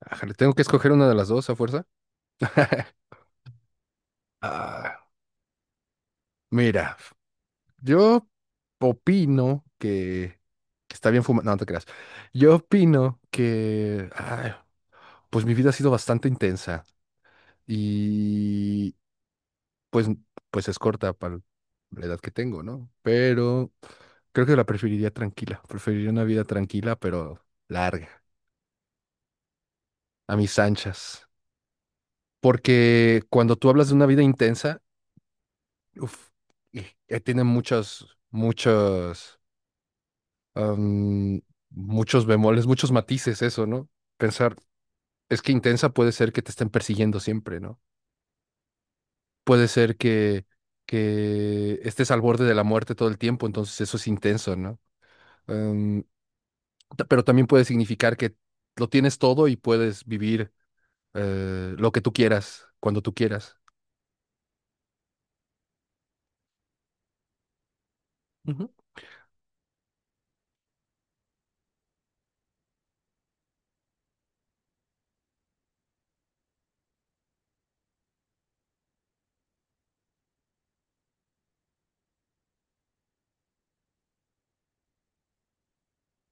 Ajá, le tengo que escoger una de las dos a fuerza. Ah, mira, yo opino que está bien fumar. No, no te creas. Yo opino que, ay, pues mi vida ha sido bastante intensa y pues, pues es corta para la edad que tengo, ¿no? Pero creo que la preferiría tranquila. Preferiría una vida tranquila, pero larga, a mis anchas. Porque cuando tú hablas de una vida intensa, Uf, y, tiene am, muchos bemoles, muchos matices eso, ¿no? Pensar, es que intensa puede ser que te estén persiguiendo siempre, ¿no? Puede ser que estés al borde de la muerte todo el tiempo, entonces eso es intenso, ¿no? Am, pero también puede significar que lo tienes todo y puedes vivir lo que tú quieras, cuando tú quieras. Ujú.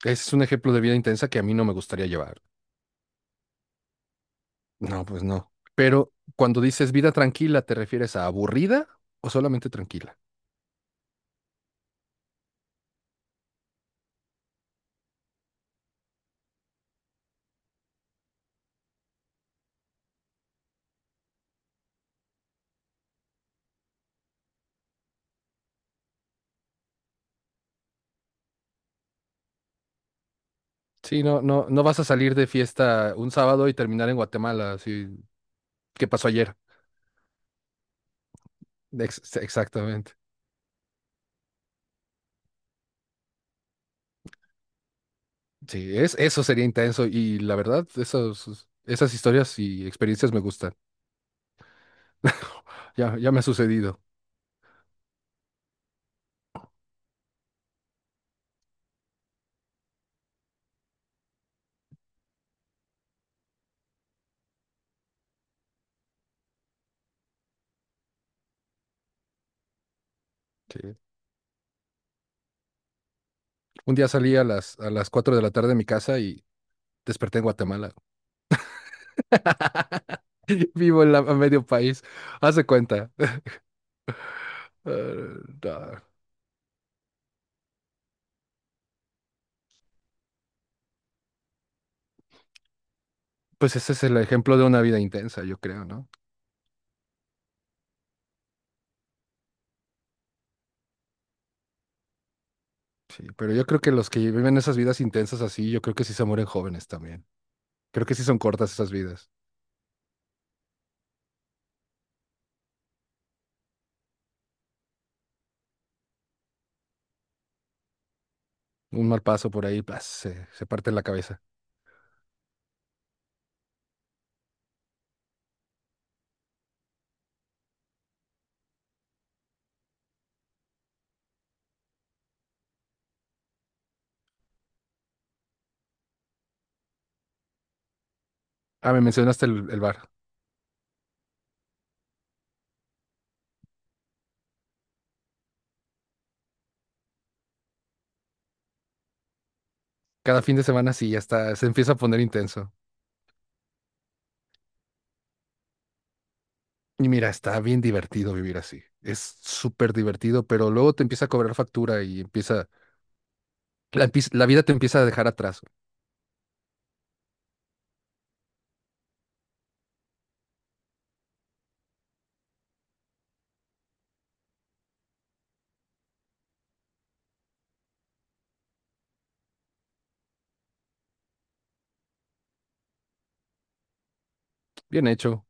Ese es un ejemplo de vida intensa que a mí no me gustaría llevar. No, pues no. Pero cuando dices vida tranquila, ¿te refieres a aburrida o solamente tranquila? Sí, no, no, no vas a salir de fiesta un sábado y terminar en Guatemala, así, ¿qué pasó ayer? Exactamente. Sí, es, eso sería intenso y la verdad, esos, esas historias y experiencias me gustan. Ya, ya me ha sucedido. Sí. Un día salí a a las 4 de la tarde de mi casa y desperté en Guatemala. Vivo en la, a medio país. Haz de cuenta. Ah, no. Pues ese es el ejemplo de una vida intensa, yo creo, ¿no? Sí, pero yo creo que los que viven esas vidas intensas así, yo creo que sí se mueren jóvenes también. Creo que sí son cortas esas vidas. Un mal paso por ahí, pas, se parte la cabeza. Ah, me mencionaste el bar. Cada fin de semana sí, ya está, se empieza a poner intenso. Y mira, está bien divertido vivir así. Es súper divertido, pero luego te empieza a cobrar factura y la vida te empieza a dejar atrás. Bien hecho.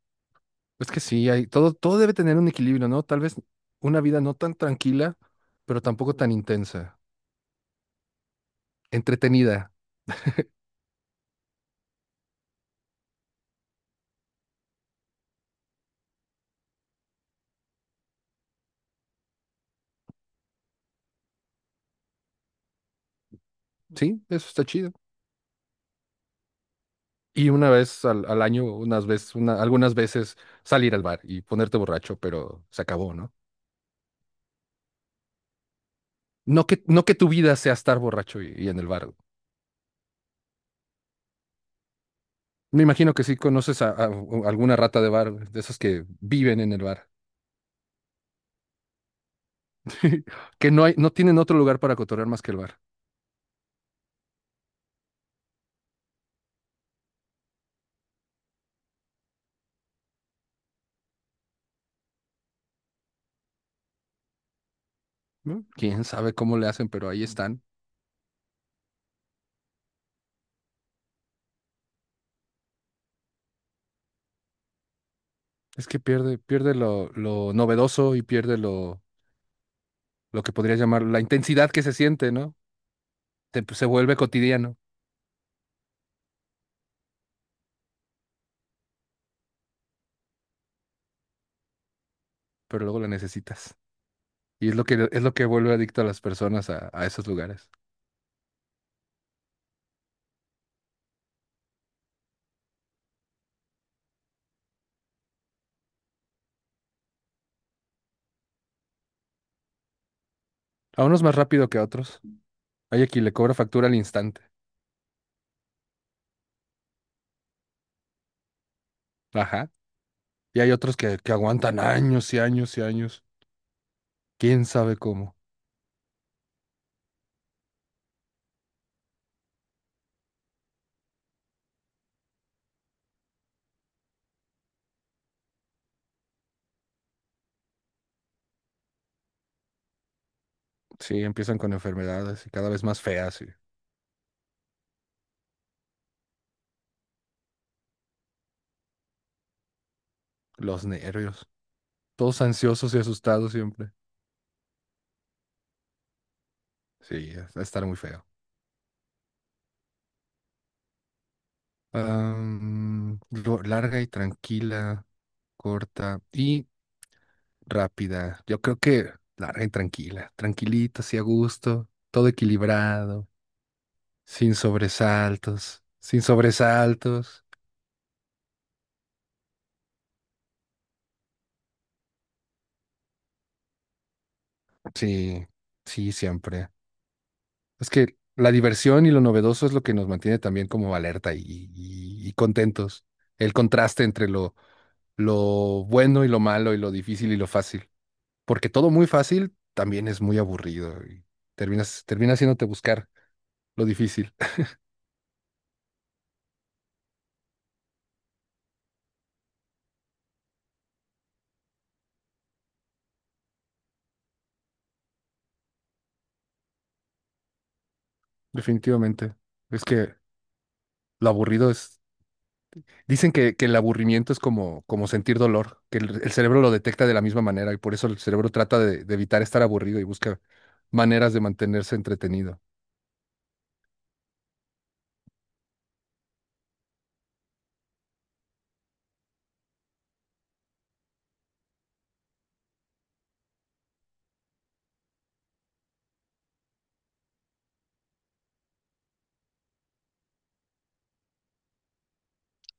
Es que sí, hay, todo, todo debe tener un equilibrio, ¿no? Tal vez una vida no tan tranquila, pero tampoco tan intensa, entretenida, ¿sí? Eso está chido. Y una vez al año, unas veces, algunas veces salir al bar y ponerte borracho, pero se acabó, ¿no? No que, no que tu vida sea estar borracho y en el bar. Me imagino que sí conoces a, a alguna rata de bar, de esos que viven en el bar, que no hay, no tienen otro lugar para cotorrear más que el bar. ¿No? Quién sabe cómo le hacen, pero ahí están. Es que pierde, pierde lo novedoso y pierde lo que podrías llamar la intensidad que se siente, ¿no? Pues, se vuelve cotidiano, pero luego la necesitas. Y es lo que vuelve adicto a las personas a esos lugares. A unos más rápido que a otros. Hay a quien le cobra factura al instante. Ajá. Y hay otros que aguantan años y años y años. ¿Quién sabe cómo? Sí, empiezan con enfermedades y cada vez más feas y los nervios. Todos ansiosos y asustados siempre. Sí, va a estar muy feo. Larga y tranquila, corta y rápida. Yo creo que larga y tranquila, tranquilita, así a gusto, todo equilibrado, sin sobresaltos, sin sobresaltos. Sí, sí, siempre. Es que la diversión y lo novedoso es lo que nos mantiene también como alerta y contentos. El contraste entre lo bueno y lo malo y lo difícil y lo fácil. Porque todo muy fácil también es muy aburrido y terminas, termina haciéndote buscar lo difícil, definitivamente. Es que lo aburrido es... Dicen que el aburrimiento es como, como sentir dolor, que el cerebro lo detecta de la misma manera y por eso el cerebro trata de evitar estar aburrido y busca maneras de mantenerse entretenido.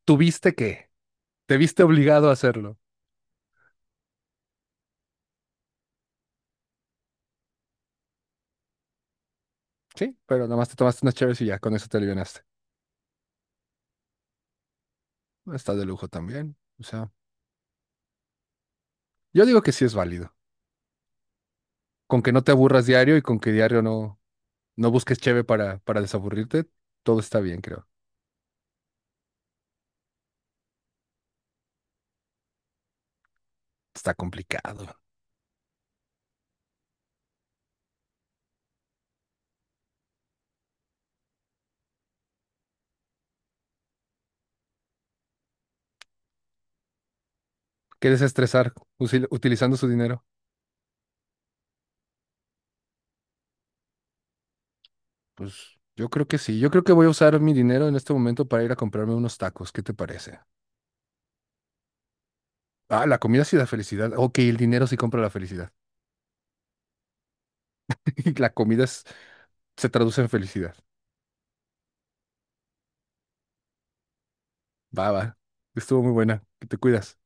¿Tuviste que? ¿Te viste obligado a hacerlo? Sí, pero nada más te tomaste unas chaves y ya con eso te alivianaste. Está de lujo también. O sea, yo digo que sí es válido. Con que no te aburras diario y con que diario no, no busques cheve para desaburrirte. Todo está bien, creo. Está complicado. ¿Quieres estresar utilizando su dinero? Pues yo creo que sí. Yo creo que voy a usar mi dinero en este momento para ir a comprarme unos tacos. ¿Qué te parece? Ah, la comida sí da felicidad. Ok, el dinero sí compra la felicidad. La comida es- Se traduce en felicidad. Va, va. Estuvo muy buena. Que te cuidas.